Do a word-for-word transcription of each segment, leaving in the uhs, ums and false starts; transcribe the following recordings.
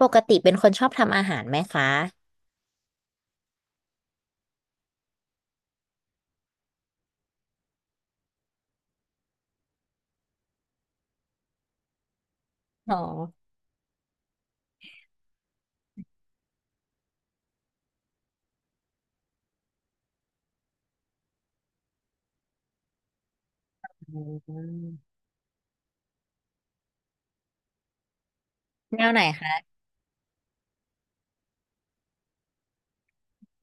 ปกติเป็นคนชอบทำอาหารไหมคะอืมแนวไหนคะ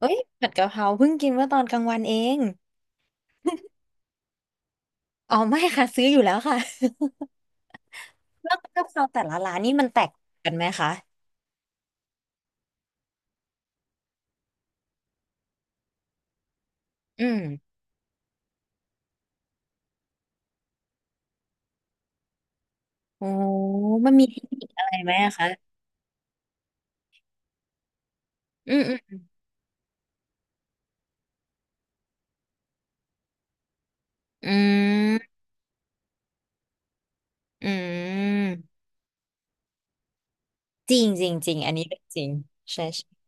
เอ้ยผัดกะเพราเพิ่งกินเมื่อตอนกลางวันเองอ๋อไม่ค่ะซื้ออยู่แล้วค่ะ แล้วกะเพราแต่ละร้านนี่มันแตกต่างกันไหมคะอืมโอ้มันมีเทคนิคอะไรไหมอะคะอืมอืมอืมอืมจริงจริงจริงอันนี้เรื่องจริงใช่ใช่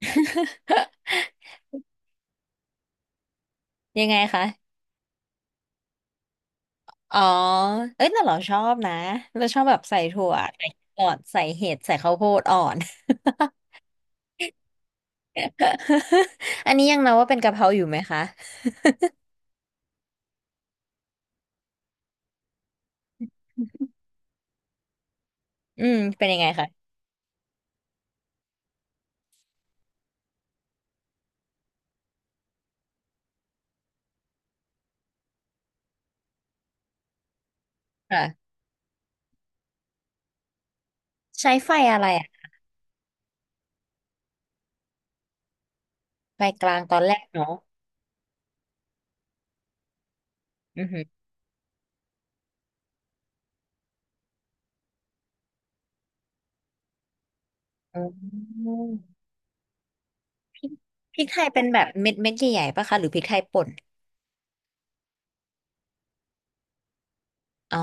ยังไงคะอ๋อเอ้ยแต่เราชอบนะเราชอบแบบใส่ถั่วใส่หลอดใส่เห็ดใส่ข้าวโพดอ่อน อันนี้ยังนับว่าเป็นกะเพราอยู่ไหมคะอืมเป็นยังไงคะค่ะใช้ไฟอะไรอ่ะไฟกลางตอนแรกเนาะอือหืออ๋อพริกพริกไทยเป็นแบบเม็ดเม็ดใหญ่ๆปะคะหรือพริกไทยป่นอ๋อ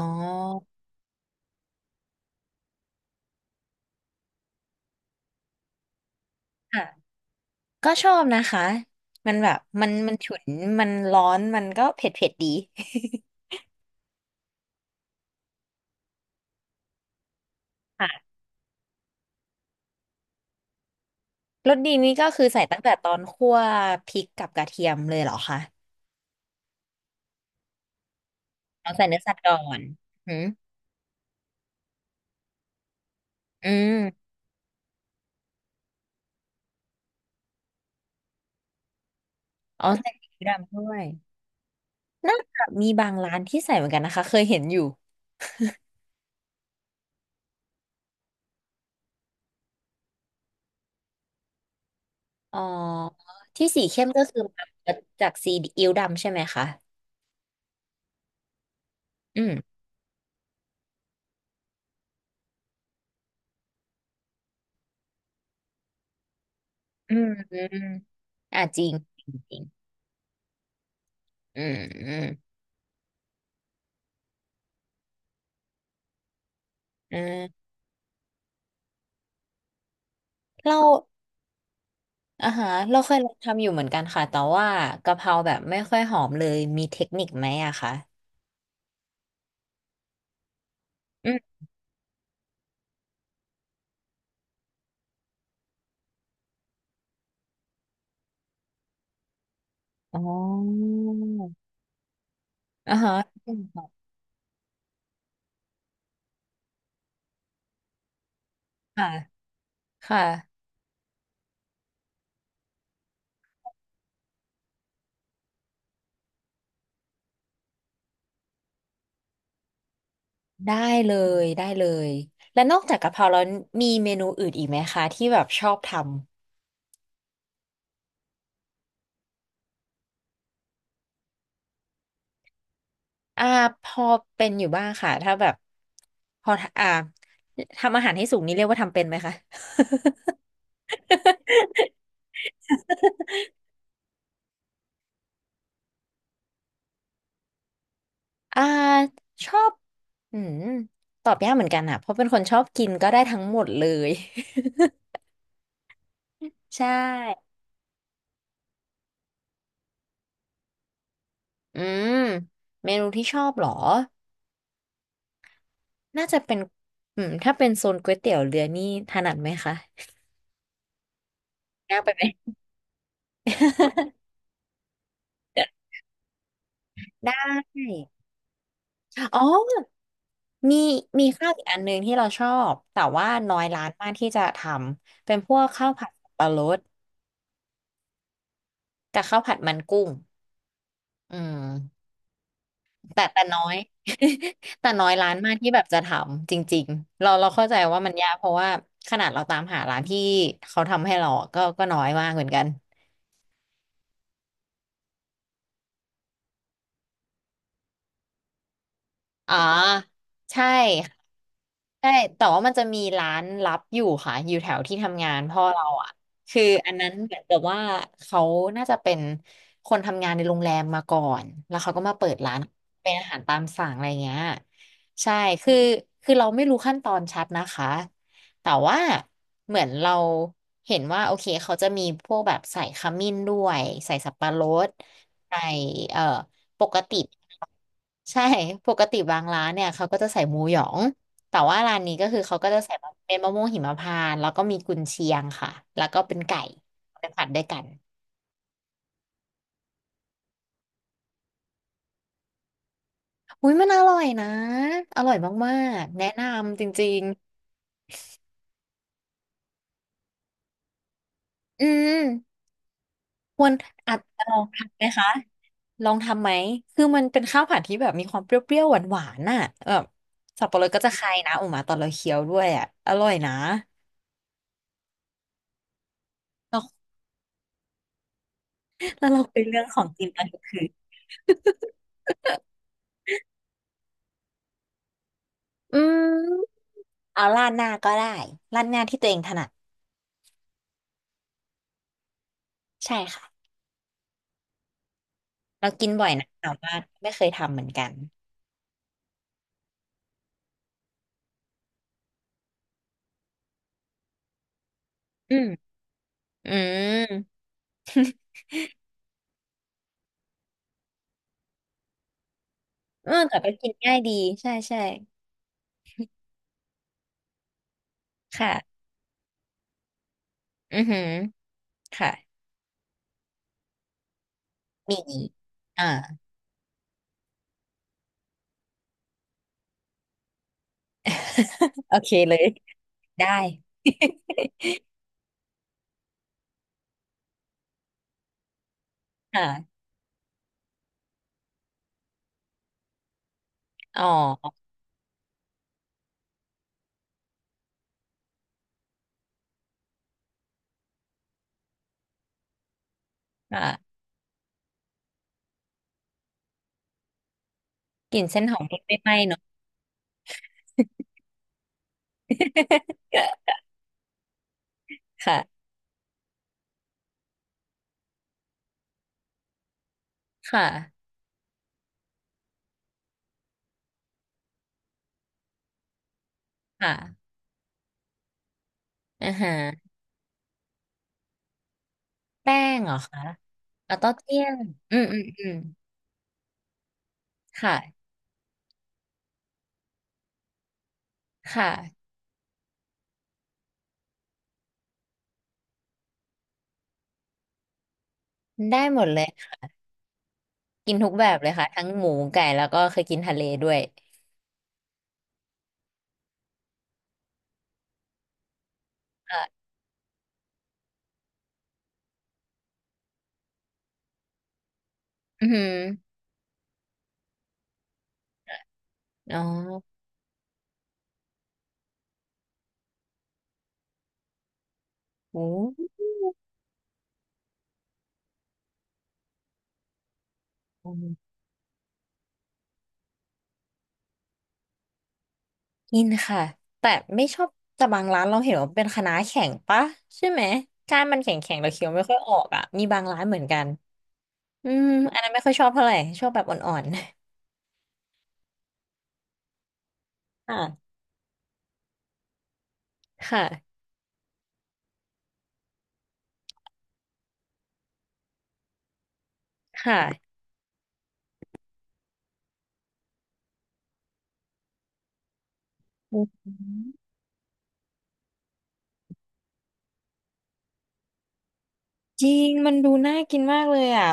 ค่ะก็ชอบนะคะมันแบบมันมันฉุนมันร้อนมันก็เผ็ดเผ็ดดี ค่ะรสดีนี้ก็คือใส่ตั้งแต่ตอนคั่วพริกกับกระเทียมเลยเหรอคะเอาใส่เนื้อสัตว์ก่อนอืมอหืออืมอ๋อใส่พริกดำด้วย น่าจะมีบางร้านที่ใส่เหมือนกันนะคะเคยเห็นอยู่อ๋อที่สีเข้มก็คือมาจากสีอิ๊วดำใช่ไหมคะอืมอืมอืมอ่าจริงจริงจริงอืมอืมอืมเราอ่าฮะเราเคยลองทำอยู่เหมือนกันค่ะแต่ว่ากะเพราแบบไม่ค่อยหอมเลยมีเทคนิคไหมอะคะอืมอ๋ออ่าฮะค่ะค่ะได้เลยได้เลยแล้วนอกจากกะเพราแล้วมีเมนูอื่นอีกไหมคะที่แบบชอบท อ่าพอเป็นอยู่บ้างค่ะถ้าแบบพออ่าทำอาหารให้สุกนี่เรียกว่าทำเป็นไหมคะ อ่าชอบอืมตอบยากเหมือนกันอะเพราะเป็นคนชอบกินก็ได้ทั้งหมดเลย ใช่อืมเมนูที่ชอบเหรอน่าจะเป็นอืมถ้าเป็นโซนก๋วยเตี๋ยวเรือนี่ถนัดไหมคะยากไปไหม ได้ อ๋อมีมีข้าวอีกอันหนึ่งที่เราชอบแต่ว่าน้อยร้านมากที่จะทำเป็นพวกข้าวผัดสับปะรดกับข้าวผัดมันกุ้งอืมแต่แต่น้อย แต่น้อยร้านมากที่แบบจะทำจริงๆเราเราเข้าใจว่ามันยากเพราะว่าขนาดเราตามหาร้านที่เขาทำให้เราก็ก็น้อยมากเหมือนกันอ๋อใช่ ใช่ แต่ว่ามันจะมีร้านลับอยู่ค่ะ อยู่แถวที่ทำงานพ่อเราอ่ะคืออันนั้นเหมือนกับว่าเขาน่าจะเป็นคนทำงานในโรงแรมมาก่อน แล้วเขาก็มาเปิดร้านเป็นอาหารตามสั่งอะไรเงี้ยใช่ คือคือเราไม่รู้ขั้นตอนชัดนะคะ แต่ว่าเหมือนเราเห็นว่าโอเคเขาจะมีพวกแบบใส่ขมิ้นด้วยใส่สับปะรดใส่เอ่อปกติใช่ ปกติบางร้านเนี่ยเขาก็จะใส่หมูหยอง แต่ว่าร้านนี้ก็คือเขาก็จะใส่มะเป็นมะม่วงหิมพานต์แล้วก็มีกุนเชียงค่ะแล้วก็เป็นไก่ไปผัดด้วยกันอุ้ยมันอร่อยนะอร่อยมากๆแนะนำจริงๆอืมควรอาจจะลองทำไหมคะลองทำไหมคือมันเป็นข้าวผัดที่แบบมีความเปรี้ยวๆหวานๆน่ะแบบสับปะรดก็จะคายนะออกมาตอนเราเคี้ยวด้วยอ่ะอร่อยนะแล้วแล้วเราเป็นเรื่องของกินตอนกลางคืน อืมเอาราดหน้าก็ได้ราดหน้าที่ตัวเองถนัดใช่ค่ะ เรากินบ่อยนะแต่ว่าไม่เคยทำเหมือนกันอืมอืมเออแต่ก็กินง่ายดีใช่ใช่ค่ะอือหือค่ะมีอ่า โอเคเลยได้ ค่ะอ๋อค่ะกลิ่นเส้นหอมไม่ไม่ไหม้เนอะ ค่ะค่ะค่ะอือฮะแป้งเหรอคะเอาเต้าเจี้ยนอืมอืมอืมค่ะค่ะได้หมดเลยค่ะกินทุกแบบเลยค่ะทั้งหมูไก่แล้วก็เคยกินทะเลด้วยค่ะอือหือ อ๋อโอ้กินค่ะ แต่ไม่ชอบแต่บางร้านเราเห็นว่าเป็นคะน้าแข็งปะใช่ไหมก้านมันแข็งแข็งเราเคี้ยวไม่ค่อยออกอ่ะมีบางร้านเหมือนกันอืมอันนั้นไม่ค่อยชอบเท่าไหร่ชอบแบบอ่อนๆค่ะค่ะค่ะอืมจริงมันดูน่ากินมากเลยอ่ะ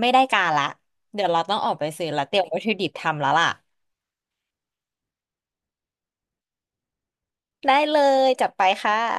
ไม่ได้การละเดี๋ยวเราต้องออกไปซื้อละเตรียมวัตถุดิบทำแล้วล่ะ ได้เลยจัดไปค่ะ